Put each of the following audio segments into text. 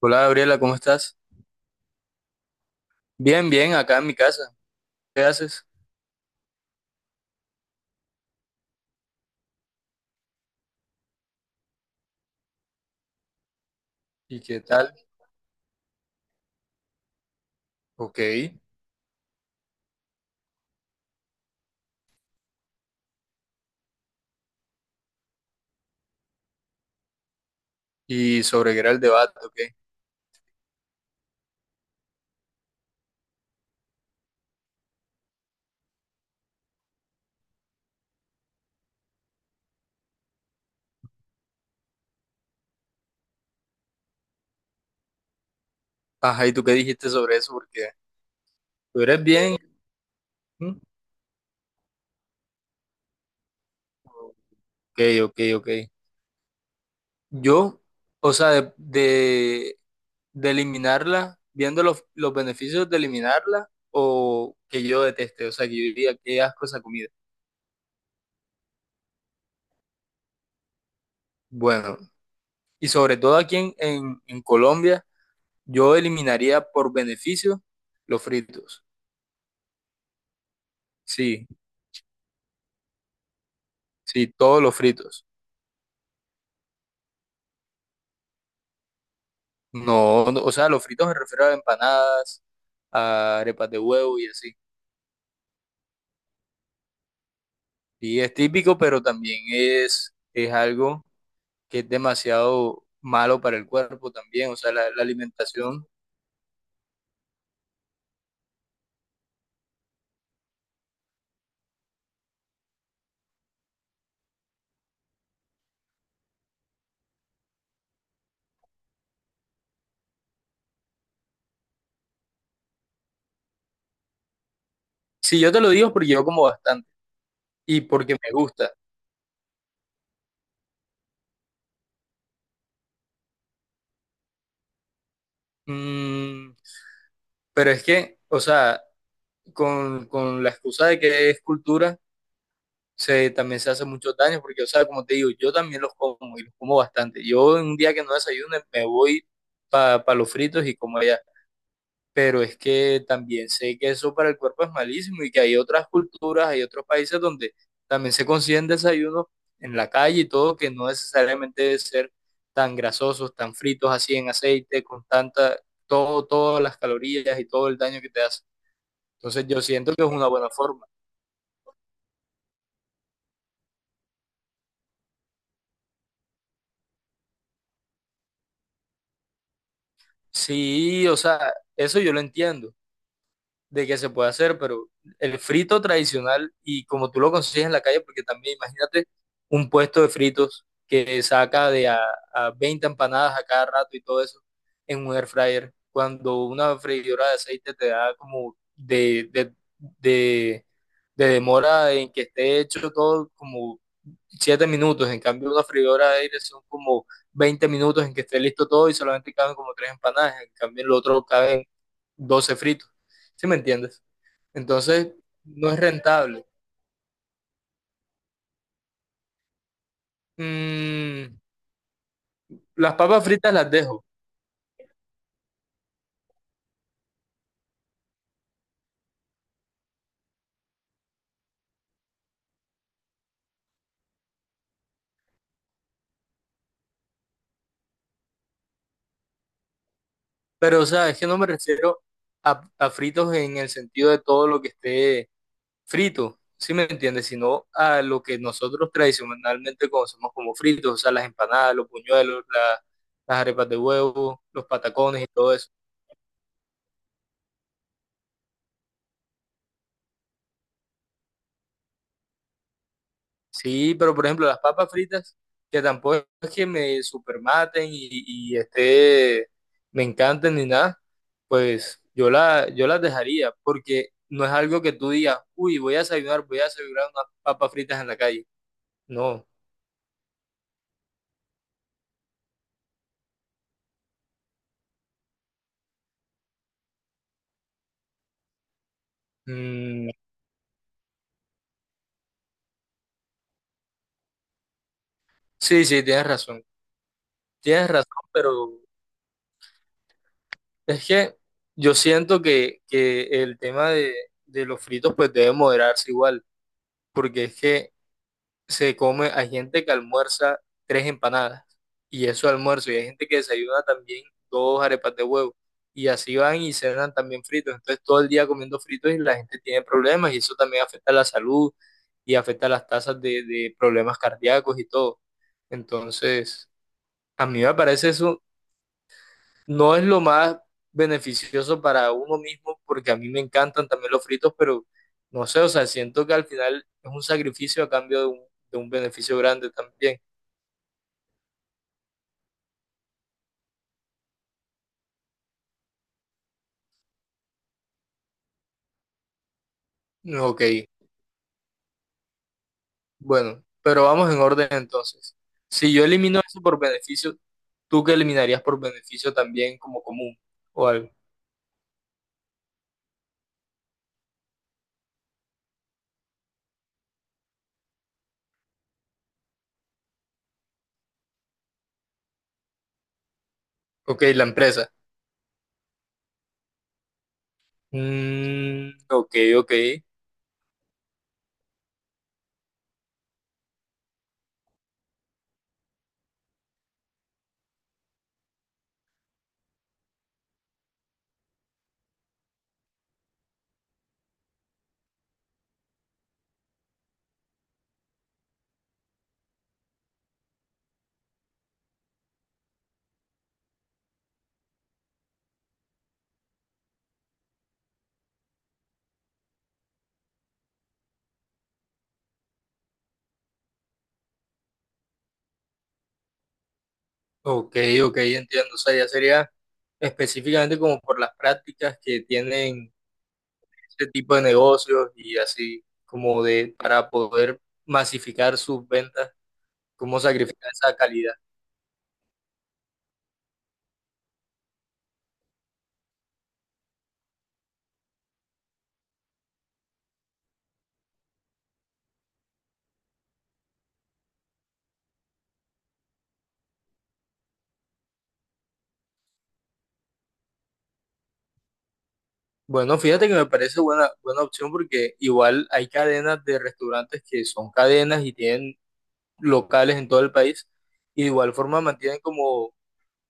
Hola Gabriela, ¿cómo estás? Bien, bien, acá en mi casa. ¿Qué haces? ¿Y qué tal? Ok. ¿Y sobre qué era el debate? Ok. Ajá, ¿y tú qué dijiste sobre eso? Porque tú eres bien. ¿Mm? Ok, ok, ok. Yo, o sea, de eliminarla, viendo los beneficios de eliminarla o que yo deteste, o sea, que yo diría, qué asco esa comida. Bueno, y sobre todo aquí en Colombia, yo eliminaría por beneficio los fritos. Sí, sí, todos los fritos. No, no, o sea, los fritos me refiero a empanadas, a arepas de huevo y así. Y es típico, pero también es algo que es demasiado malo para el cuerpo también. O sea, la alimentación. Sí, yo te lo digo porque yo como bastante y porque me gusta. Mm, pero es que, o sea, con la excusa de que es cultura. Se, también se hace muchos daños, porque, o sea, como te digo, yo también los como y los como bastante. Yo en un día que no desayune me voy para los fritos y como allá. Pero es que también sé que eso para el cuerpo es malísimo y que hay otras culturas, hay otros países donde también se consiguen desayunos en la calle y todo, que no necesariamente debe ser tan grasosos, tan fritos así en aceite, con tanta, todo, todas las calorías y todo el daño que te hace. Entonces yo siento que es una buena forma. Sí, o sea, eso yo lo entiendo, de que se puede hacer, pero el frito tradicional y como tú lo consigues en la calle, porque también imagínate un puesto de fritos que saca de a 20 empanadas a cada rato y todo eso en un air fryer, cuando una freidora de aceite te da como de, de demora en que esté hecho todo como 7 minutos, en cambio una freidora de aire son como 20 minutos en que esté listo todo y solamente caben como 3 empanadas, en cambio en lo otro caben 12 fritos, ¿sí me entiendes? Entonces no es rentable. Mm, las papas fritas las dejo, pero o sea, es que no me refiero a fritos en el sentido de todo lo que esté frito, ¿sí me entiendes? Sino a lo que nosotros tradicionalmente conocemos como fritos, o sea, las empanadas, las arepas de huevo, los patacones y todo eso. Sí, pero por ejemplo, las papas fritas, que tampoco es que me supermaten y esté, me encanten ni nada, pues yo, la, yo las dejaría, porque no es algo que tú digas, uy, voy a desayunar unas papas fritas en la calle. No. Mm, sí, sí, tienes razón. Tienes razón, pero es que yo siento que el tema de los fritos pues debe moderarse igual, porque es que se come, hay gente que almuerza 3 empanadas y eso almuerzo, y hay gente que desayuna también 2 arepas de huevo y así van y cenan también fritos, entonces todo el día comiendo fritos y la gente tiene problemas y eso también afecta la salud y afecta las tasas de problemas cardíacos y todo. Entonces, a mí me parece eso no es lo más beneficioso para uno mismo, porque a mí me encantan también los fritos, pero no sé, o sea, siento que al final es un sacrificio a cambio de un beneficio grande también. Ok, bueno, pero vamos en orden entonces. Si yo elimino eso por beneficio, ¿tú qué eliminarías por beneficio también como común o algo? Ok, la empresa. Mm, ok, ok, ok, ok, entiendo. O sea, ya sería específicamente como por las prácticas que tienen ese tipo de negocios y así como de para poder masificar sus ventas, cómo sacrificar esa calidad. Bueno, fíjate que me parece buena, buena opción porque igual hay cadenas de restaurantes que son cadenas y tienen locales en todo el país y de igual forma mantienen como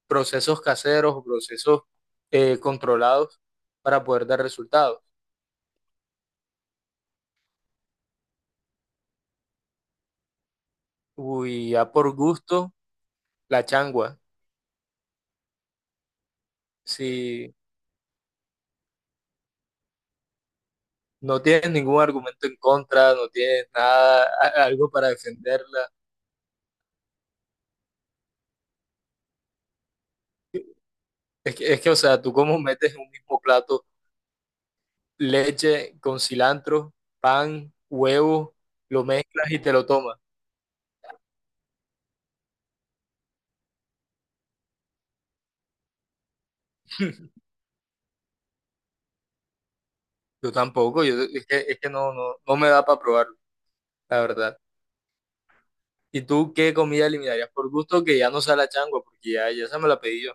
procesos caseros o procesos controlados para poder dar resultados. Uy, ya por gusto, la changua. Si no tienes ningún argumento en contra, no tienes nada, algo para defenderla. Es que, o sea, tú cómo metes en un mismo plato leche con cilantro, pan, huevo, lo mezclas y te lo tomas. Yo tampoco, yo, es que no, no, no me da para probarlo, la verdad. ¿Y tú qué comida eliminarías? Por gusto que ya no sea la changua, porque ya, ya esa me la pedí yo.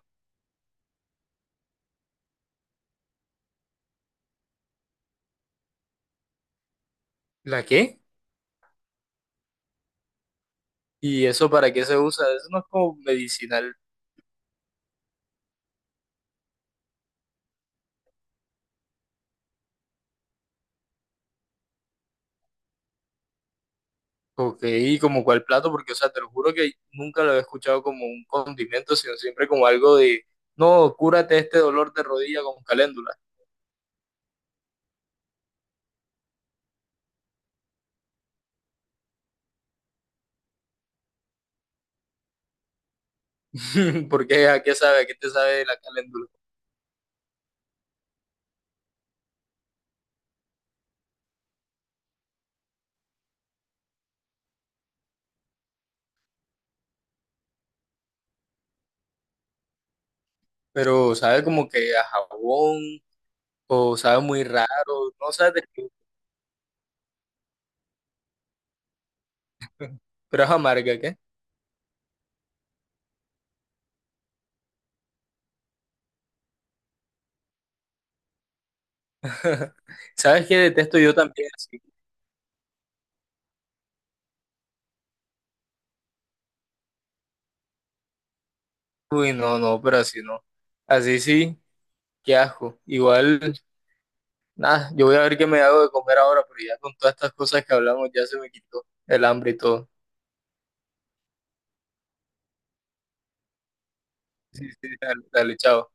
¿La qué? ¿Y eso para qué se usa? Eso no es como medicinal. Ok, ¿y como cuál plato? Porque, o sea, te lo juro que nunca lo he escuchado como un condimento, sino siempre como algo de, no, cúrate este dolor de rodilla con caléndula. Porque, ¿a qué sabe? ¿A qué te sabe la caléndula? Pero sabe como que a jabón, o sabe muy raro, no sabe de qué, pero es amarga, ¿qué? ¿Sabes qué detesto yo también? Así, uy, no, no, pero así no. Así sí, qué asco. Igual. Nada, yo voy a ver qué me hago de comer ahora, pero ya con todas estas cosas que hablamos ya se me quitó el hambre y todo. Sí, sí, dale, dale, chao.